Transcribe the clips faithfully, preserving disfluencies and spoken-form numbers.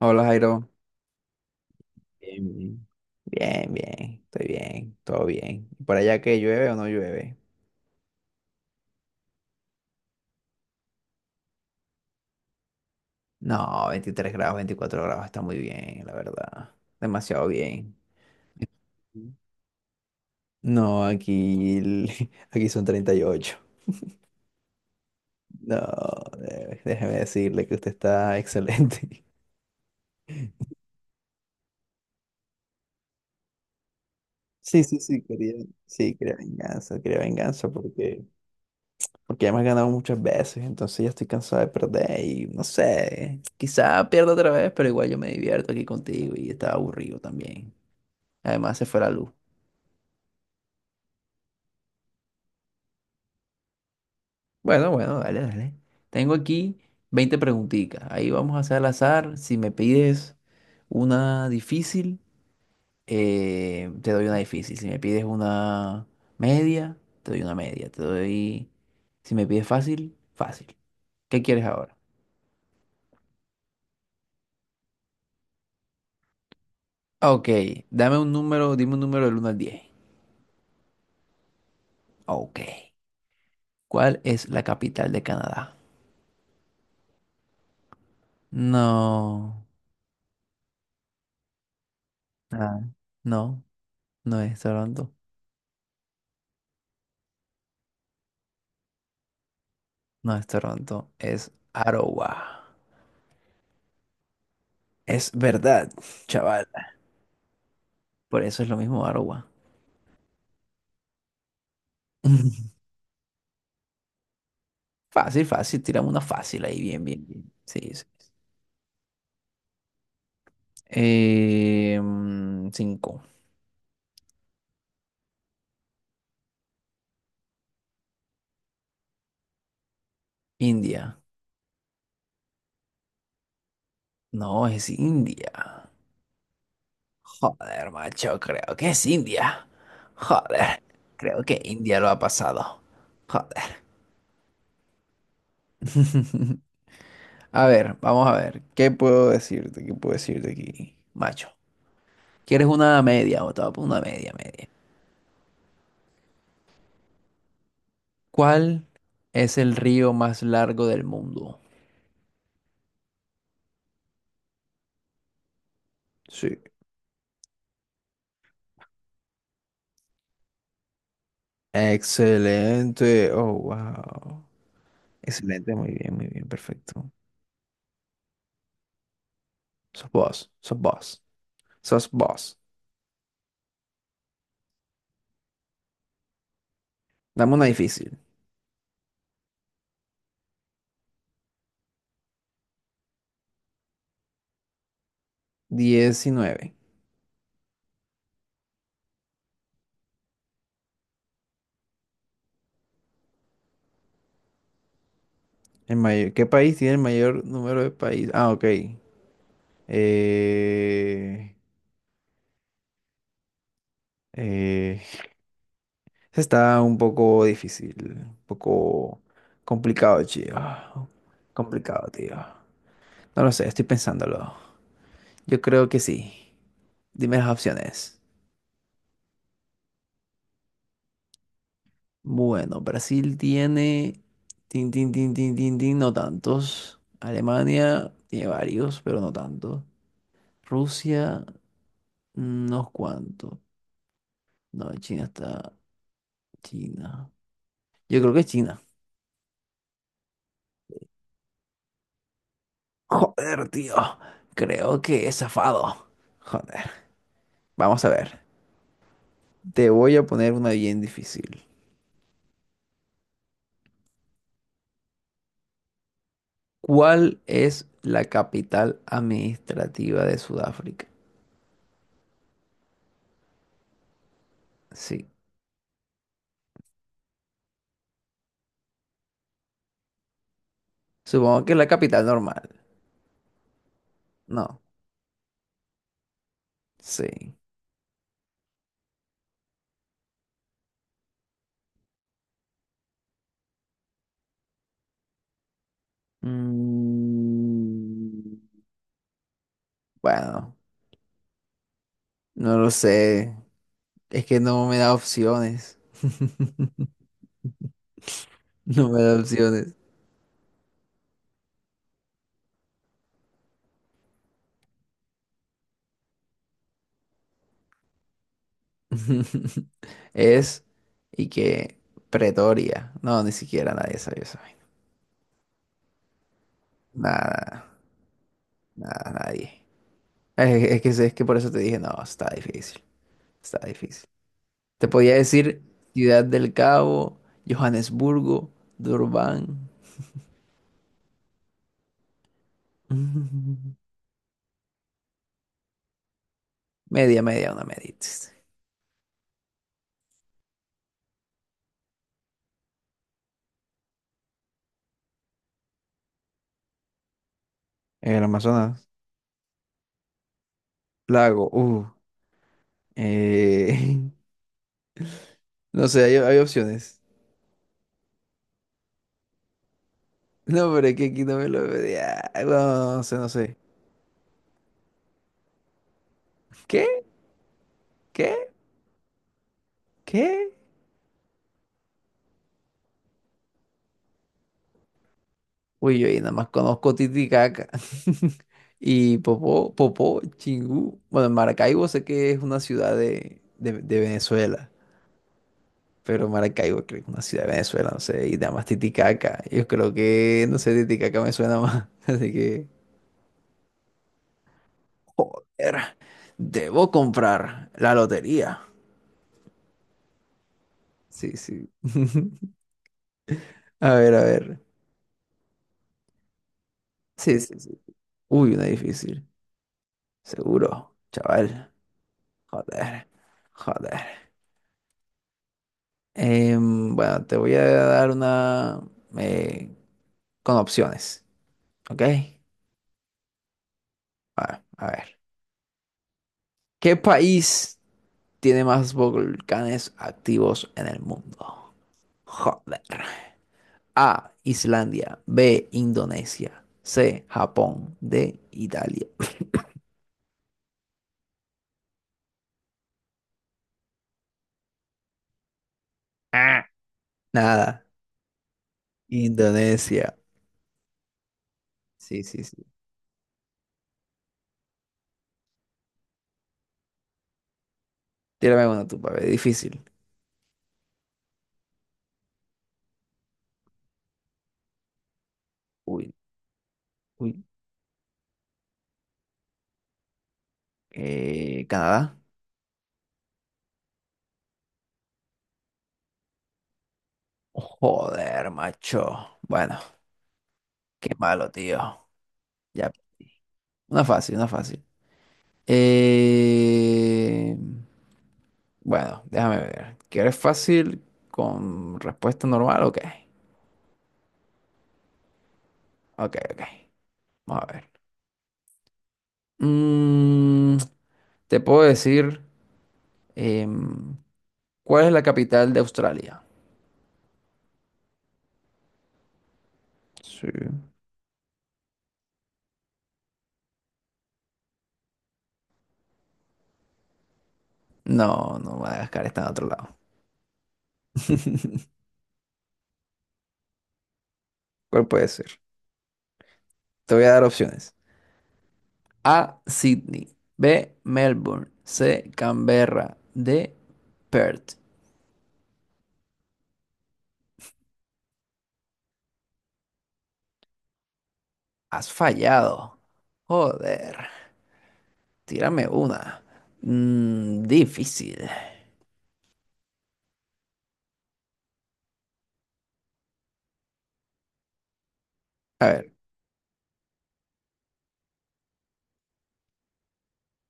Hola, Jairo. Bien, bien, bien, bien, estoy bien, todo bien. ¿Y por allá que llueve o no llueve? No, veintitrés grados, veinticuatro grados, está muy bien, la verdad. Demasiado bien. No, aquí, el- aquí son treinta y ocho. No, eh, déjeme decirle que usted está excelente. Sí, sí, sí, quería, sí, quería venganza, quería venganza porque ya me has ganado muchas veces, entonces ya estoy cansado de perder y no sé, quizá pierda otra vez, pero igual yo me divierto aquí contigo y estaba aburrido también. Además se fue la luz. Bueno, bueno, dale, dale. Tengo aquí veinte preguntitas. Ahí vamos a hacer al azar. Si me pides una difícil, eh, te doy una difícil. Si me pides una media, te doy una media. Te doy... Si me pides fácil, fácil. ¿Qué quieres ahora? Ok, dame un número, dime un número del uno al diez. Ok. ¿Cuál es la capital de Canadá? No, ah, no, no es Toronto, no es Toronto, es Ottawa. Es verdad, chaval. Por eso es lo mismo Ottawa. Fácil, fácil, tiramos una fácil ahí, bien, bien, bien. Sí, sí. Eh, mm, cinco. India. No, es India. Joder, macho, creo que es India. Joder, creo que India lo ha pasado. Joder. A ver, vamos a ver. ¿Qué puedo decirte? ¿Qué puedo decirte aquí, macho? ¿Quieres una media? O te voy a poner una media, media. ¿Cuál es el río más largo del mundo? Sí. Excelente. Oh, wow. Excelente, muy bien, muy bien, perfecto. Sos vos, sos vos, sos vos. Dame una difícil. Diecinueve. El mayor, ¿qué país tiene el mayor número de países? Ah, ok. Eh, eh, está un poco difícil, un poco complicado, tío. Complicado, tío. No lo sé, estoy pensándolo. Yo creo que sí. Dime las opciones. Bueno, Brasil tiene... Tin, tin, tin, tin, tin, tin, no tantos. Alemania tiene varios, pero no tantos. Rusia, unos cuantos. No, China está... China. Yo creo que es China. Joder, tío. Creo que he zafado. Joder. Vamos a ver. Te voy a poner una bien difícil. ¿Cuál es la capital administrativa de Sudáfrica? Sí. Supongo que es la capital normal. No. Sí. Mm, bueno, no lo sé. Es que no me da opciones. No me da opciones. Es y que Pretoria. No, ni siquiera nadie sabe eso. Nada, nada, nadie. Es, es que es que por eso te dije, no, está difícil. Está difícil. Te podía decir Ciudad del Cabo, Johannesburgo, Durban. Media, media, una medita. El Amazonas. Lago. Uh. Eh, no sé, hay, hay opciones. No, pero es que aquí no me lo pedía. No, no, no sé, no sé. ¿Qué? ¿Qué? ¿Qué? Uy, yo ahí nada más conozco Titicaca. Y Popó, Popó, Chingú. Bueno, Maracaibo sé que es una ciudad de, de de Venezuela. Pero Maracaibo creo que es una ciudad de Venezuela, no sé, y además Titicaca. Yo creo que, no sé, Titicaca me suena más. Así que, joder, debo comprar la lotería. Sí, sí. A ver, a ver. Sí, sí, sí. Uy, una difícil. Seguro, chaval. Joder, joder. Em, bueno, te voy a dar una eh, con opciones, ¿ok? A a ver. ¿Qué país tiene más volcanes activos en el mundo? Joder. A, Islandia. B, Indonesia. C, Japón. D, Italia. Ah, nada. Indonesia. Sí, sí, sí. Tírame una tú, papi. Difícil. Uy, uy. Eh, Canadá. Joder, macho. Bueno, qué malo, tío. Ya. Una fácil, una fácil. Eh... Bueno, déjame ver. ¿Quieres fácil con respuesta normal? Ok, ok, ok. Vamos a ver. Mm, te puedo decir, em, ¿cuál es la capital de Australia? Sí. No, no, Madagascar está en otro lado. ¿Cuál puede ser? Te voy a dar opciones. A, Sydney. B, Melbourne. C, Canberra. D, Perth. Has fallado. Joder. Tírame una. Mm, difícil. A ver.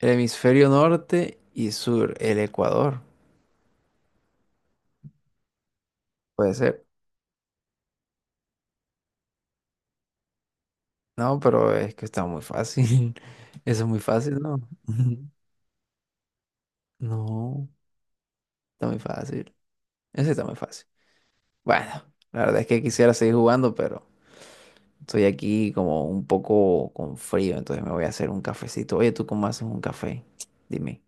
El hemisferio norte y sur, el Ecuador. Puede ser. No, pero es que está muy fácil. Eso es muy fácil, ¿no? No, está muy fácil. Eso está muy fácil. Bueno, la verdad es que quisiera seguir jugando, pero estoy aquí como un poco con frío, entonces me voy a hacer un cafecito. Oye, ¿tú cómo haces un café? Dime.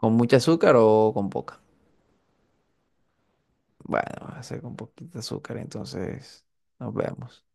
¿Con mucha azúcar o con poca? Bueno, voy a hacer con poquita azúcar, entonces nos vemos.